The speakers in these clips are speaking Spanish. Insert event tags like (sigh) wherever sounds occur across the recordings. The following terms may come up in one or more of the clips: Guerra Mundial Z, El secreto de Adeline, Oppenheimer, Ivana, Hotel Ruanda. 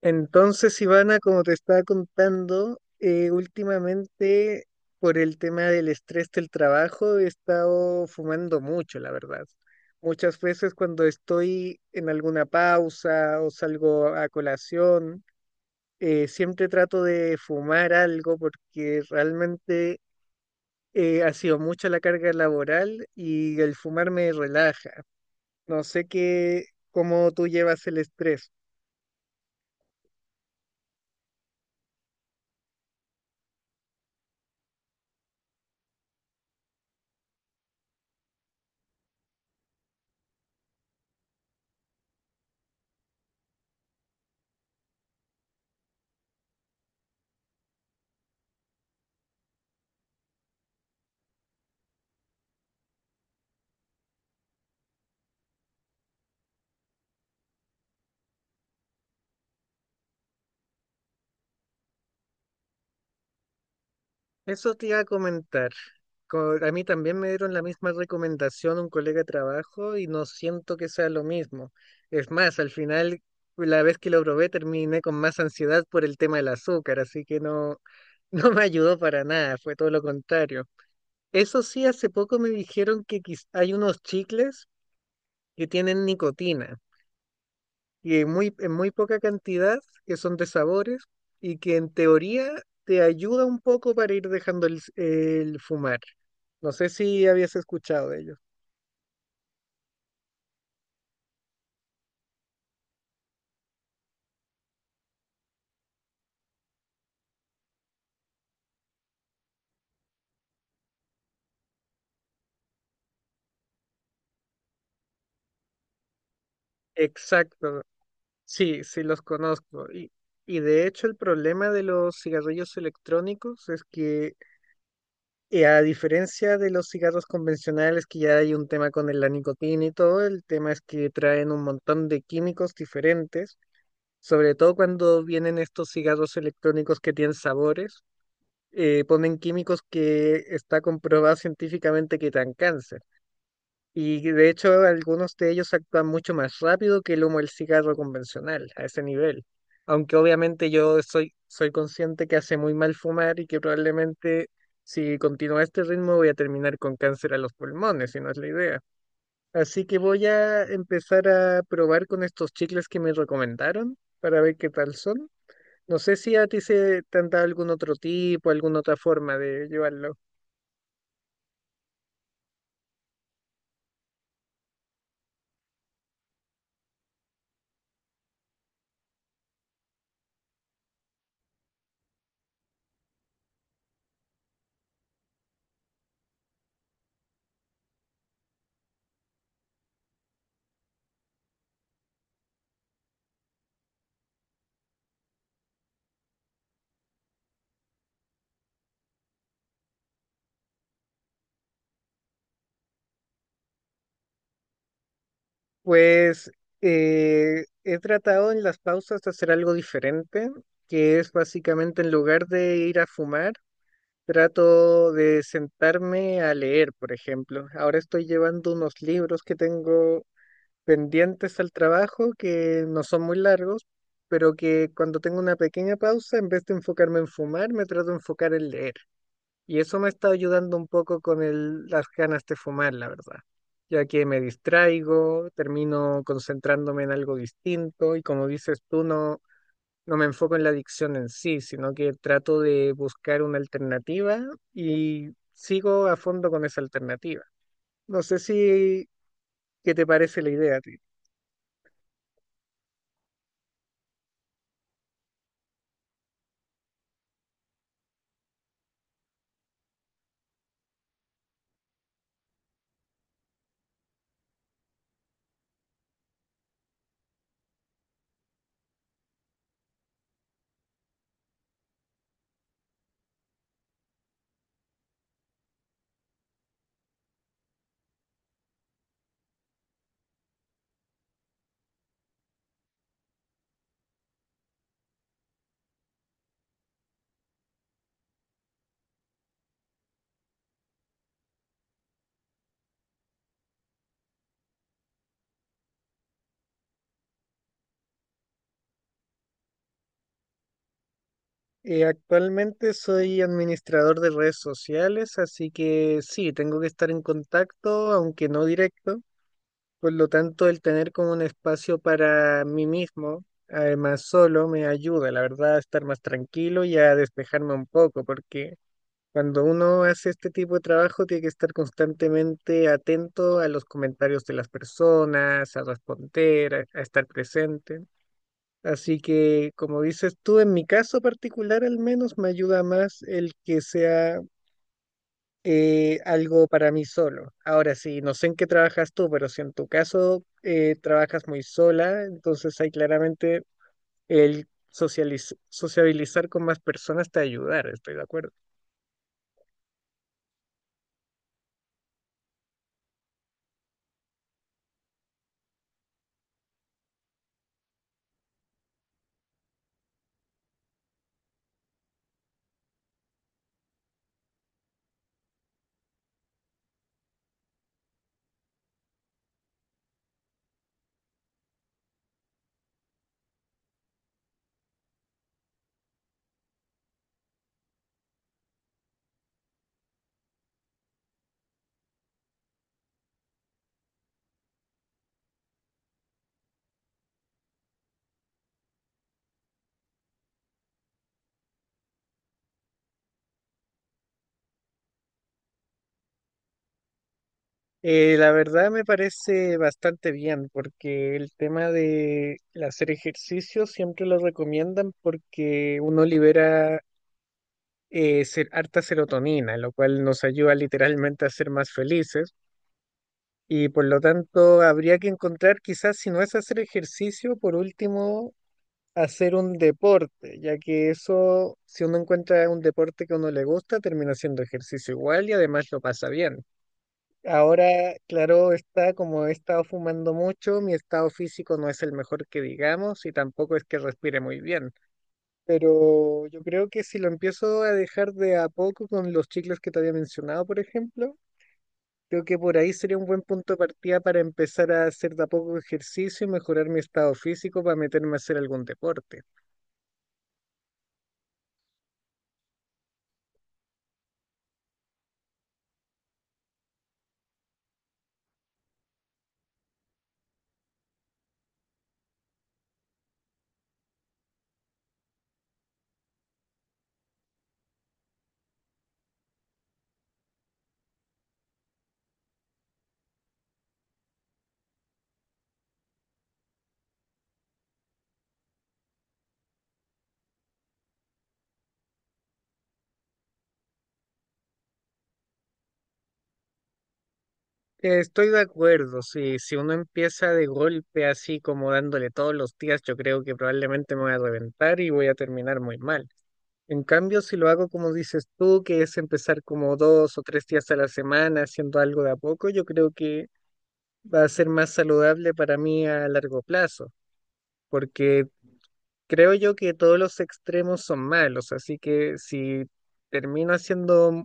Entonces, Ivana, como te estaba contando, últimamente por el tema del estrés del trabajo he estado fumando mucho, la verdad. Muchas veces cuando estoy en alguna pausa o salgo a colación, siempre trato de fumar algo porque realmente ha sido mucha la carga laboral y el fumar me relaja. No sé qué, cómo tú llevas el estrés. Eso te iba a comentar. A mí también me dieron la misma recomendación un colega de trabajo y no siento que sea lo mismo. Es más, al final, la vez que lo probé, terminé con más ansiedad por el tema del azúcar, así que no, (laughs) no me ayudó para nada, fue todo lo contrario. Eso sí, hace poco me dijeron que hay unos chicles que tienen nicotina y en muy poca cantidad, que son de sabores y que en teoría te ayuda un poco para ir dejando el fumar. No sé si habías escuchado de ellos. Exacto, sí, sí los conozco. Y de hecho el problema de los cigarrillos electrónicos es que a diferencia de los cigarros convencionales, que ya hay un tema con la nicotina y todo, el tema es que traen un montón de químicos diferentes. Sobre todo cuando vienen estos cigarros electrónicos que tienen sabores, ponen químicos que está comprobado científicamente que dan cáncer. Y que, de hecho, algunos de ellos actúan mucho más rápido que el humo del cigarro convencional, a ese nivel. Aunque obviamente yo soy consciente que hace muy mal fumar y que probablemente si continúa este ritmo voy a terminar con cáncer a los pulmones, si no es la idea. Así que voy a empezar a probar con estos chicles que me recomendaron para ver qué tal son. No sé si a ti se te han dado algún otro tipo, alguna otra forma de llevarlo. Pues he tratado en las pausas de hacer algo diferente, que es básicamente, en lugar de ir a fumar, trato de sentarme a leer, por ejemplo. Ahora estoy llevando unos libros que tengo pendientes al trabajo, que no son muy largos, pero que cuando tengo una pequeña pausa, en vez de enfocarme en fumar, me trato de enfocar en leer. Y eso me está ayudando un poco con las ganas de fumar, la verdad, ya que me distraigo, termino concentrándome en algo distinto y, como dices tú, no, no me enfoco en la adicción en sí, sino que trato de buscar una alternativa y sigo a fondo con esa alternativa. No sé si, ¿qué te parece la idea a ti? Actualmente soy administrador de redes sociales, así que sí, tengo que estar en contacto, aunque no directo. Por lo tanto, el tener como un espacio para mí mismo, además solo, me ayuda, la verdad, a estar más tranquilo y a despejarme un poco, porque cuando uno hace este tipo de trabajo tiene que estar constantemente atento a los comentarios de las personas, a responder, a estar presente. Así que, como dices tú, en mi caso particular al menos me ayuda más el que sea algo para mí solo. Ahora sí, no sé en qué trabajas tú, pero si en tu caso trabajas muy sola, entonces ahí claramente el sociabilizar con más personas te ayudar, estoy de acuerdo. La verdad me parece bastante bien porque el tema de el hacer ejercicio siempre lo recomiendan porque uno libera harta serotonina, lo cual nos ayuda literalmente a ser más felices. Y, por lo tanto, habría que encontrar quizás, si no es hacer ejercicio, por último, hacer un deporte, ya que eso, si uno encuentra un deporte que a uno le gusta, termina siendo ejercicio igual y además lo pasa bien. Ahora, claro, está como he estado fumando mucho, mi estado físico no es el mejor que digamos y tampoco es que respire muy bien, pero yo creo que si lo empiezo a dejar de a poco con los chicles que te había mencionado, por ejemplo, creo que por ahí sería un buen punto de partida para empezar a hacer de a poco ejercicio y mejorar mi estado físico para meterme a hacer algún deporte. Estoy de acuerdo, si uno empieza de golpe así como dándole todos los días, yo creo que probablemente me voy a reventar y voy a terminar muy mal. En cambio, si lo hago como dices tú, que es empezar como dos o tres días a la semana haciendo algo de a poco, yo creo que va a ser más saludable para mí a largo plazo, porque creo yo que todos los extremos son malos, así que si termino haciendo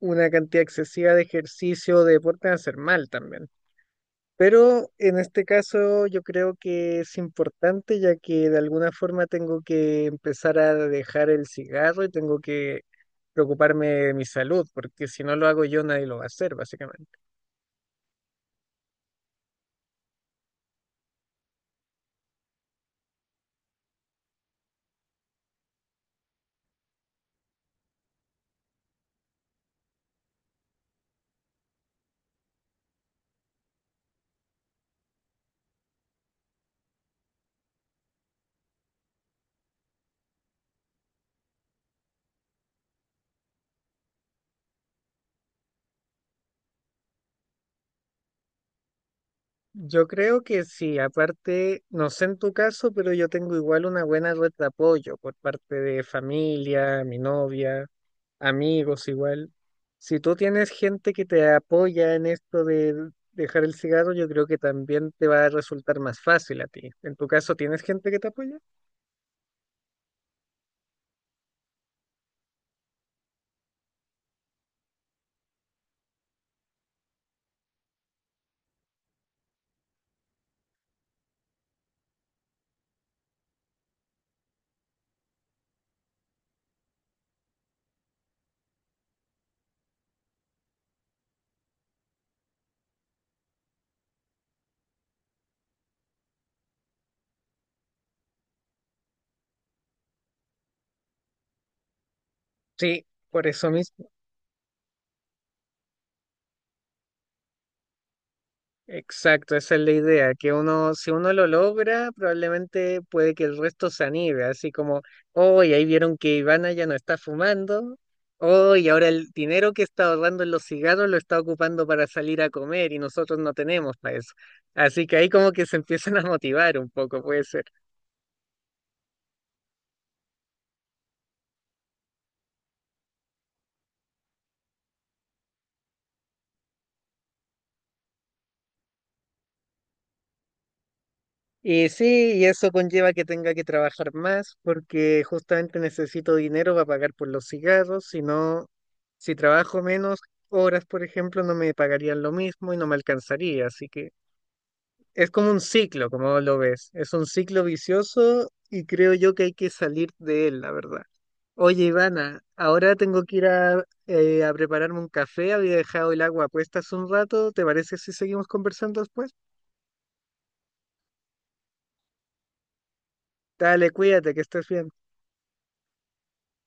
una cantidad excesiva de ejercicio, de deporte, va a ser mal también. Pero en este caso yo creo que es importante, ya que de alguna forma tengo que empezar a dejar el cigarro y tengo que preocuparme de mi salud, porque si no lo hago yo, nadie lo va a hacer, básicamente. Yo creo que sí, aparte, no sé en tu caso, pero yo tengo igual una buena red de apoyo por parte de familia, mi novia, amigos igual. Si tú tienes gente que te apoya en esto de dejar el cigarro, yo creo que también te va a resultar más fácil a ti. ¿En tu caso tienes gente que te apoya? Sí, por eso mismo. Exacto, esa es la idea, que uno, si uno lo logra, probablemente puede que el resto se anime, así como, hoy ahí vieron que Ivana ya no está fumando, hoy ahora el dinero que está ahorrando en los cigarros lo está ocupando para salir a comer y nosotros no tenemos para eso. Así que ahí como que se empiezan a motivar un poco, puede ser. Y sí, y eso conlleva que tenga que trabajar más porque justamente necesito dinero para pagar por los cigarros, si no, si trabajo menos horas, por ejemplo, no me pagarían lo mismo y no me alcanzaría. Así que es como un ciclo, como lo ves, es un ciclo vicioso y creo yo que hay que salir de él, la verdad. Oye, Ivana, ahora tengo que ir a prepararme un café, había dejado el agua puesta hace un rato, ¿te parece si seguimos conversando después? Dale, cuídate, que estés bien.